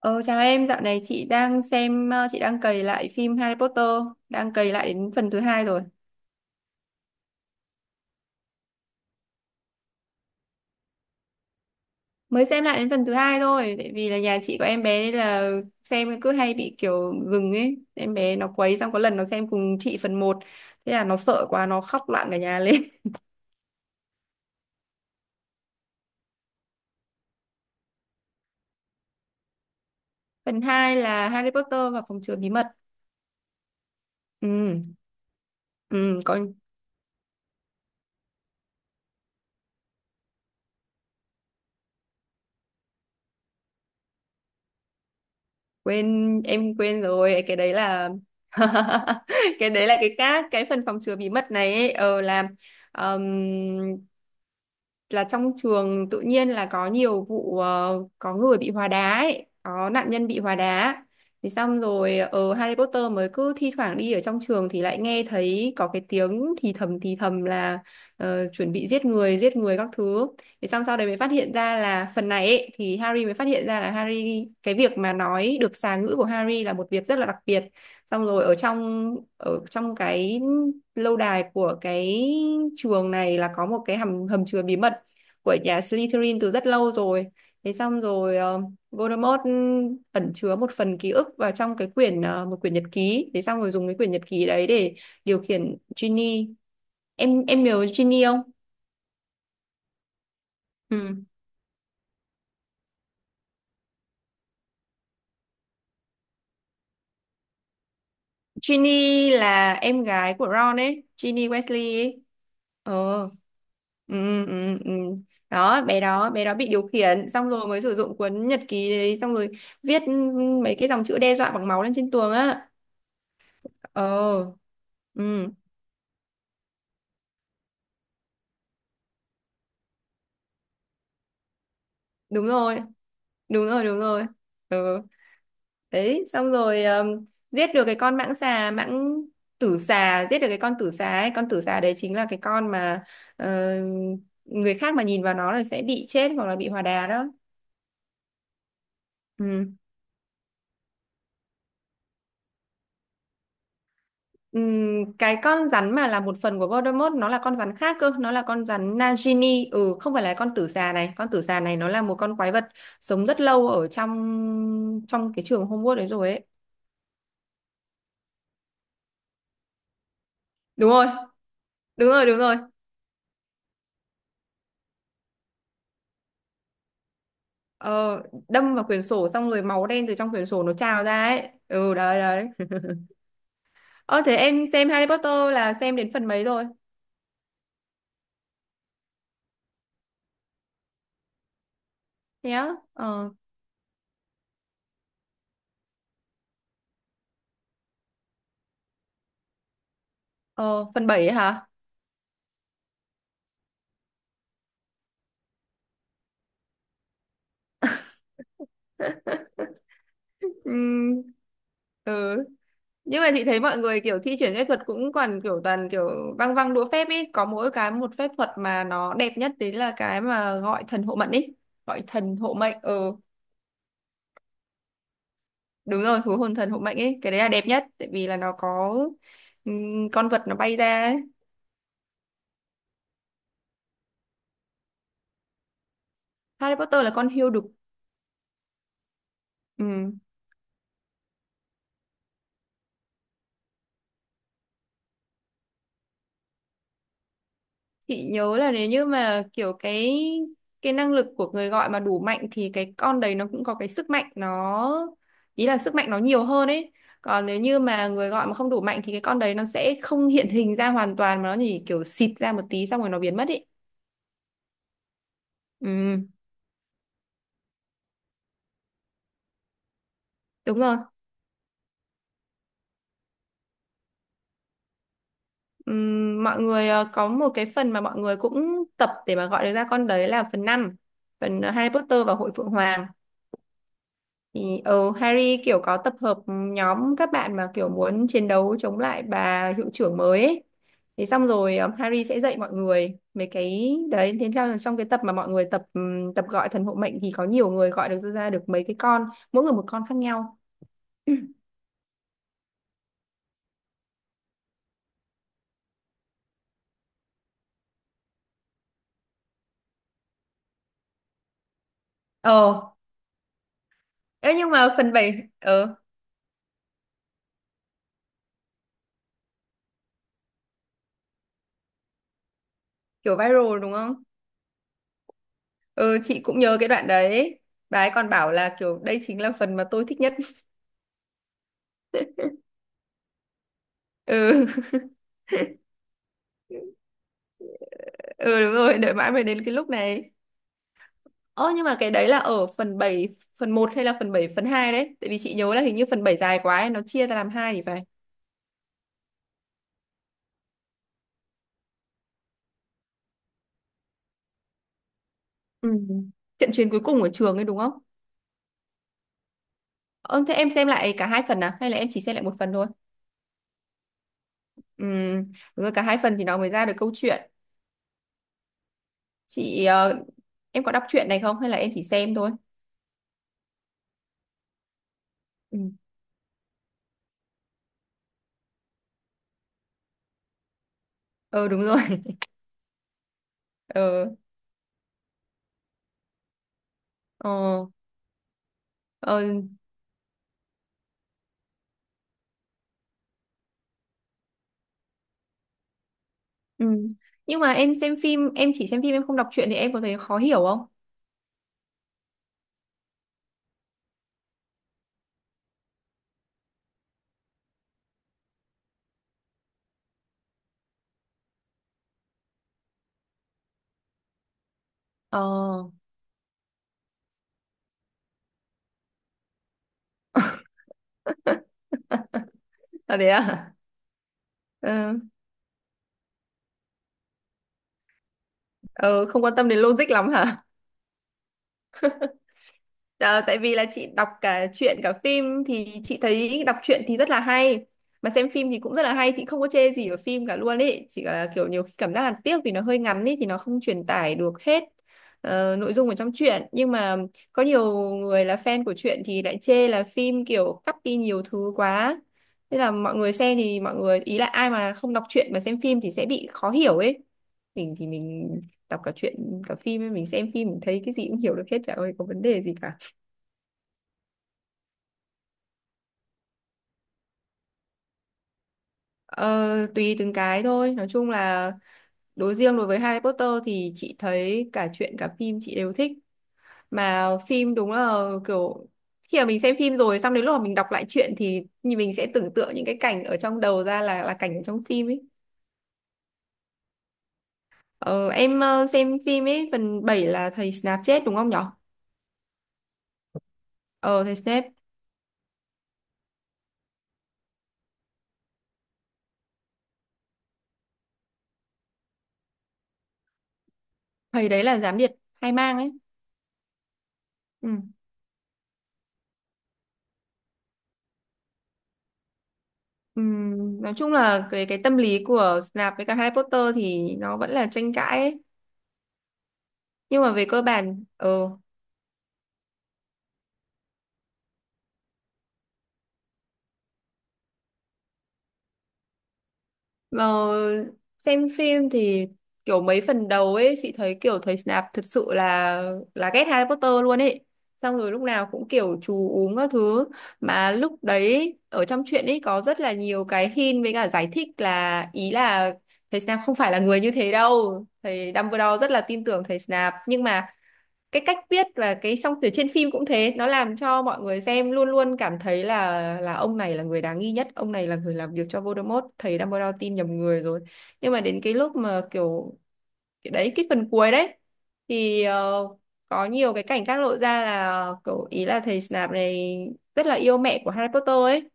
Ờ, Chào em, dạo này chị đang xem, chị đang cày lại phim Harry Potter, đang cày lại đến phần thứ hai rồi. Mới xem lại đến phần thứ hai thôi, tại vì là nhà chị có em bé nên là xem cứ hay bị kiểu dừng ấy. Em bé nó quấy xong có lần nó xem cùng chị phần một, thế là nó sợ quá, nó khóc loạn cả nhà lên. Phần 2 là Harry Potter và phòng chứa bí mật. Ừ, ừ, em quên rồi, cái đấy là cái đấy là cái khác, cái phần phòng chứa bí mật này ấy, là Ờm, là trong trường tự nhiên là có nhiều vụ có người bị hóa đá ấy, có nạn nhân bị hóa đá. Thì xong rồi ở Harry Potter mới cứ thi thoảng đi ở trong trường thì lại nghe thấy có cái tiếng thì thầm là chuẩn bị giết người các thứ. Thì xong sau đấy mới phát hiện ra là phần này ấy, thì Harry mới phát hiện ra là Harry cái việc mà nói được xà ngữ của Harry là một việc rất là đặc biệt. Xong rồi ở trong cái lâu đài của cái trường này là có một cái hầm hầm chứa bí mật của nhà Slytherin từ rất lâu rồi. Thế xong rồi Voldemort ẩn chứa một phần ký ức vào trong một quyển nhật ký. Thế xong rồi dùng cái quyển nhật ký đấy để điều khiển Ginny. Em nhớ Ginny không? Ừ. Ginny là em gái của Ron ấy, Ginny Weasley ấy. Ờ. Ừ, ừ, ừ. Đó, bé đó bị điều khiển xong rồi mới sử dụng cuốn nhật ký đấy xong rồi viết mấy cái dòng chữ đe dọa bằng máu lên trên tường á. Ờ. Ừ. Đúng rồi, đúng rồi, đúng rồi. Ừ. Đấy xong rồi giết được cái con mãng xà mãng tử xà giết được cái con tử xà ấy, con tử xà đấy chính là cái con mà ờ, người khác mà nhìn vào nó là sẽ bị chết hoặc là bị hòa đà đó. Ừ. Cái con rắn mà là một phần của Voldemort nó là con rắn khác cơ, nó là con rắn Nagini, không phải là con tử xà này. Con tử xà này nó là một con quái vật sống rất lâu ở trong trong cái trường Hogwarts đấy rồi ấy. Đúng rồi, đúng rồi, đúng rồi. Ờ, Đâm vào quyển sổ xong rồi máu đen từ trong quyển sổ nó trào ra ấy. Ừ, đấy đấy. Ờ Thế em xem Harry Potter là xem đến phần mấy rồi? Thế á? Ờ, ờ Phần 7 ấy hả? Ừm, ừ. Nhưng mà chị thấy mọi người kiểu thi chuyển phép thuật cũng còn kiểu toàn kiểu văng văng đũa phép ấy, có mỗi cái một phép thuật mà nó đẹp nhất đấy là cái mà gọi thần hộ mệnh ấy, gọi thần hộ mệnh. Ừ, đúng rồi, hú hồn thần hộ mệnh ấy, cái đấy là đẹp nhất tại vì là nó có con vật nó bay ra ấy. Harry Potter là con hươu đực. Ừ. Chị nhớ là nếu như mà kiểu cái năng lực của người gọi mà đủ mạnh thì cái con đấy nó cũng có cái sức mạnh nó, ý là sức mạnh nó nhiều hơn ấy. Còn nếu như mà người gọi mà không đủ mạnh thì cái con đấy nó sẽ không hiện hình ra hoàn toàn mà nó chỉ kiểu xịt ra một tí xong rồi nó biến mất ấy. Ừ, đúng rồi. Mọi người có một cái phần mà mọi người cũng tập để mà gọi được ra con đấy là phần năm, phần Harry Potter và Hội Phượng Hoàng. Thì Harry kiểu có tập hợp nhóm các bạn mà kiểu muốn chiến đấu chống lại bà hiệu trưởng mới ấy. Thế xong rồi Harry sẽ dạy mọi người mấy cái đấy, thế theo trong cái tập mà mọi người tập tập gọi thần hộ mệnh thì có nhiều người gọi được ra được mấy cái con, mỗi người một con khác nhau. Ờ, nhưng mà phần 7 ờ kiểu viral đúng không? Ừ, chị cũng nhớ cái đoạn đấy. Bà ấy còn bảo là kiểu đây chính là phần mà tôi thích nhất. Ừ, ừ đúng rồi, đợi mãi mới đến cái lúc này. Ơ nhưng mà cái đấy là ở phần 7 phần một hay là phần 7 phần 2 đấy? Tại vì chị nhớ là hình như phần 7 dài quá ấy, nó chia ra làm hai thì phải. Ừ. Trận chiến cuối cùng ở trường ấy đúng không? Ơ thế em xem lại cả hai phần à? Hay là em chỉ xem lại một phần thôi? Ừ, đúng rồi, cả hai phần thì nó mới ra được câu chuyện. Chị, ờ, em có đọc truyện này không? Hay là em chỉ xem thôi? Ừ. Ờ đúng rồi. Ờ, ờ, ờ. Ừ. Nhưng mà em xem phim, em chỉ xem phim, em không đọc truyện thì em có thấy khó hiểu không? Ờ, À thế à? Ừ. Ờ, Không quan tâm đến logic lắm hả? Ờ, Tại vì là chị đọc cả truyện cả phim thì chị thấy đọc truyện thì rất là hay, mà xem phim thì cũng rất là hay, chị không có chê gì ở phim cả luôn ấy, chỉ là kiểu nhiều khi cảm giác là tiếc vì nó hơi ngắn ấy thì nó không truyền tải được hết nội dung ở trong truyện. Nhưng mà có nhiều người là fan của truyện thì lại chê là phim kiểu cắt đi nhiều thứ quá, thế là mọi người xem thì mọi người ý là ai mà không đọc truyện mà xem phim thì sẽ bị khó hiểu ấy. Mình thì mình đọc cả truyện cả phim ấy, mình xem phim mình thấy cái gì cũng hiểu được hết, chả có vấn đề gì cả. Ờ, Tùy từng cái thôi, nói chung là đối riêng đối với Harry Potter thì chị thấy cả truyện cả phim chị đều thích, mà phim đúng là kiểu khi mà mình xem phim rồi xong đến lúc mà mình đọc lại truyện thì như mình sẽ tưởng tượng những cái cảnh ở trong đầu ra là cảnh ở trong phim ấy. Xem phim ấy phần 7 là thầy Snape chết đúng không nhở? Ờ Thầy Snape, thầy đấy là gián điệp hai mang ấy. Ừ. Nói chung là cái tâm lý của Snape với cả Harry Potter thì nó vẫn là tranh cãi ấy. Nhưng mà về cơ bản mà xem phim thì kiểu mấy phần đầu ấy chị thấy kiểu thầy Snape thật sự là ghét Harry Potter luôn ấy. Xong rồi lúc nào cũng kiểu chú uống các thứ, mà lúc đấy ở trong truyện ấy có rất là nhiều cái hint với cả giải thích là, ý là thầy Snape không phải là người như thế đâu. Thầy Dumbledore rất là tin tưởng thầy Snape, nhưng mà cái cách viết và cái song từ trên phim cũng thế nó làm cho mọi người xem luôn luôn cảm thấy là ông này là người đáng nghi nhất, ông này là người làm việc cho Voldemort, thầy Dumbledore tin nhầm người rồi. Nhưng mà đến cái lúc mà kiểu cái phần cuối đấy thì có nhiều cái cảnh khác lộ ra là kiểu ý là thầy Snape này rất là yêu mẹ của Harry Potter ấy,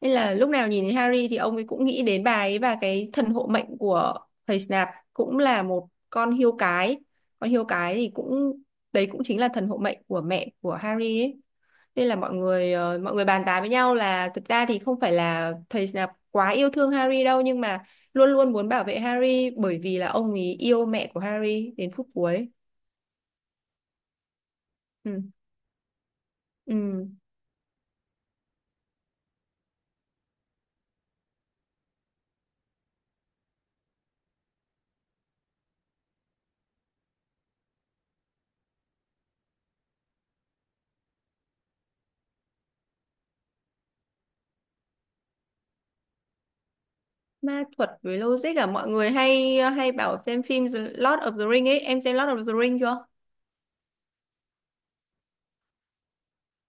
nên là lúc nào nhìn thấy Harry thì ông ấy cũng nghĩ đến bà ấy, và cái thần hộ mệnh của thầy Snap cũng là một con hươu cái. Con hươu cái thì cũng đấy cũng chính là thần hộ mệnh của mẹ của Harry ấy. Nên là mọi người bàn tán với nhau là thực ra thì không phải là thầy Snap quá yêu thương Harry đâu, nhưng mà luôn luôn muốn bảo vệ Harry bởi vì là ông ấy yêu mẹ của Harry đến phút cuối. Ừ. Ừ. Ma thuật với logic à, mọi người hay hay bảo xem phim The Lord of the Ring ấy, em xem Lord of the Ring chưa?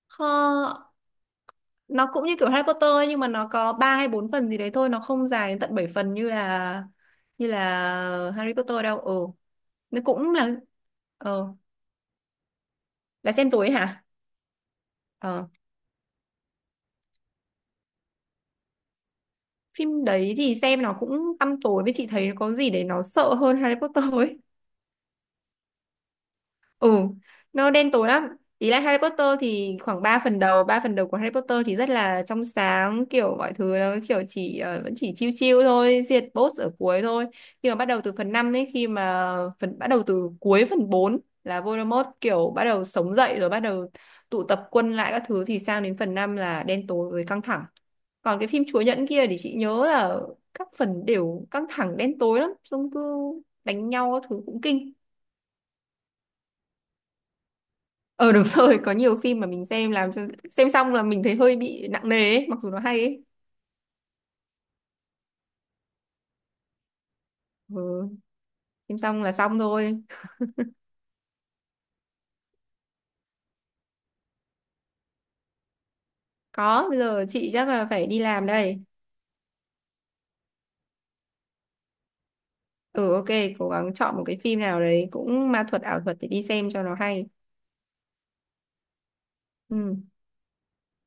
Ho- nó cũng như kiểu Harry Potter ấy, nhưng mà nó có 3 hay 4 phần gì đấy thôi, nó không dài đến tận 7 phần như là Harry Potter đâu. Ừ, nó cũng là ờ là xem rồi ấy hả? ờ Phim đấy thì xem nó cũng tăm tối, với chị thấy có gì để nó sợ hơn Harry Potter ấy. Ừ, nó đen tối lắm. Ý là Harry Potter thì khoảng 3 phần đầu của Harry Potter thì rất là trong sáng, kiểu mọi thứ nó kiểu chỉ vẫn chỉ chill chill thôi, diệt boss ở cuối thôi. Nhưng mà bắt đầu từ phần 5 ấy, khi mà phần bắt đầu từ cuối phần 4 là Voldemort kiểu bắt đầu sống dậy rồi bắt đầu tụ tập quân lại các thứ thì sang đến phần 5 là đen tối với căng thẳng. Còn cái phim Chúa Nhẫn kia thì chị nhớ là các phần đều căng thẳng đen tối lắm, xong cứ đánh nhau các thứ cũng kinh. Ờ đúng rồi, có nhiều phim mà mình xem làm cho xem xong là mình thấy hơi bị nặng nề ấy, mặc dù nó hay ấy. Ừ, xem xong là xong thôi. Có, bây giờ chị chắc là phải đi làm đây. Ừ ok, cố gắng chọn một cái phim nào đấy cũng ma thuật ảo thuật để đi xem cho nó hay. Ừ.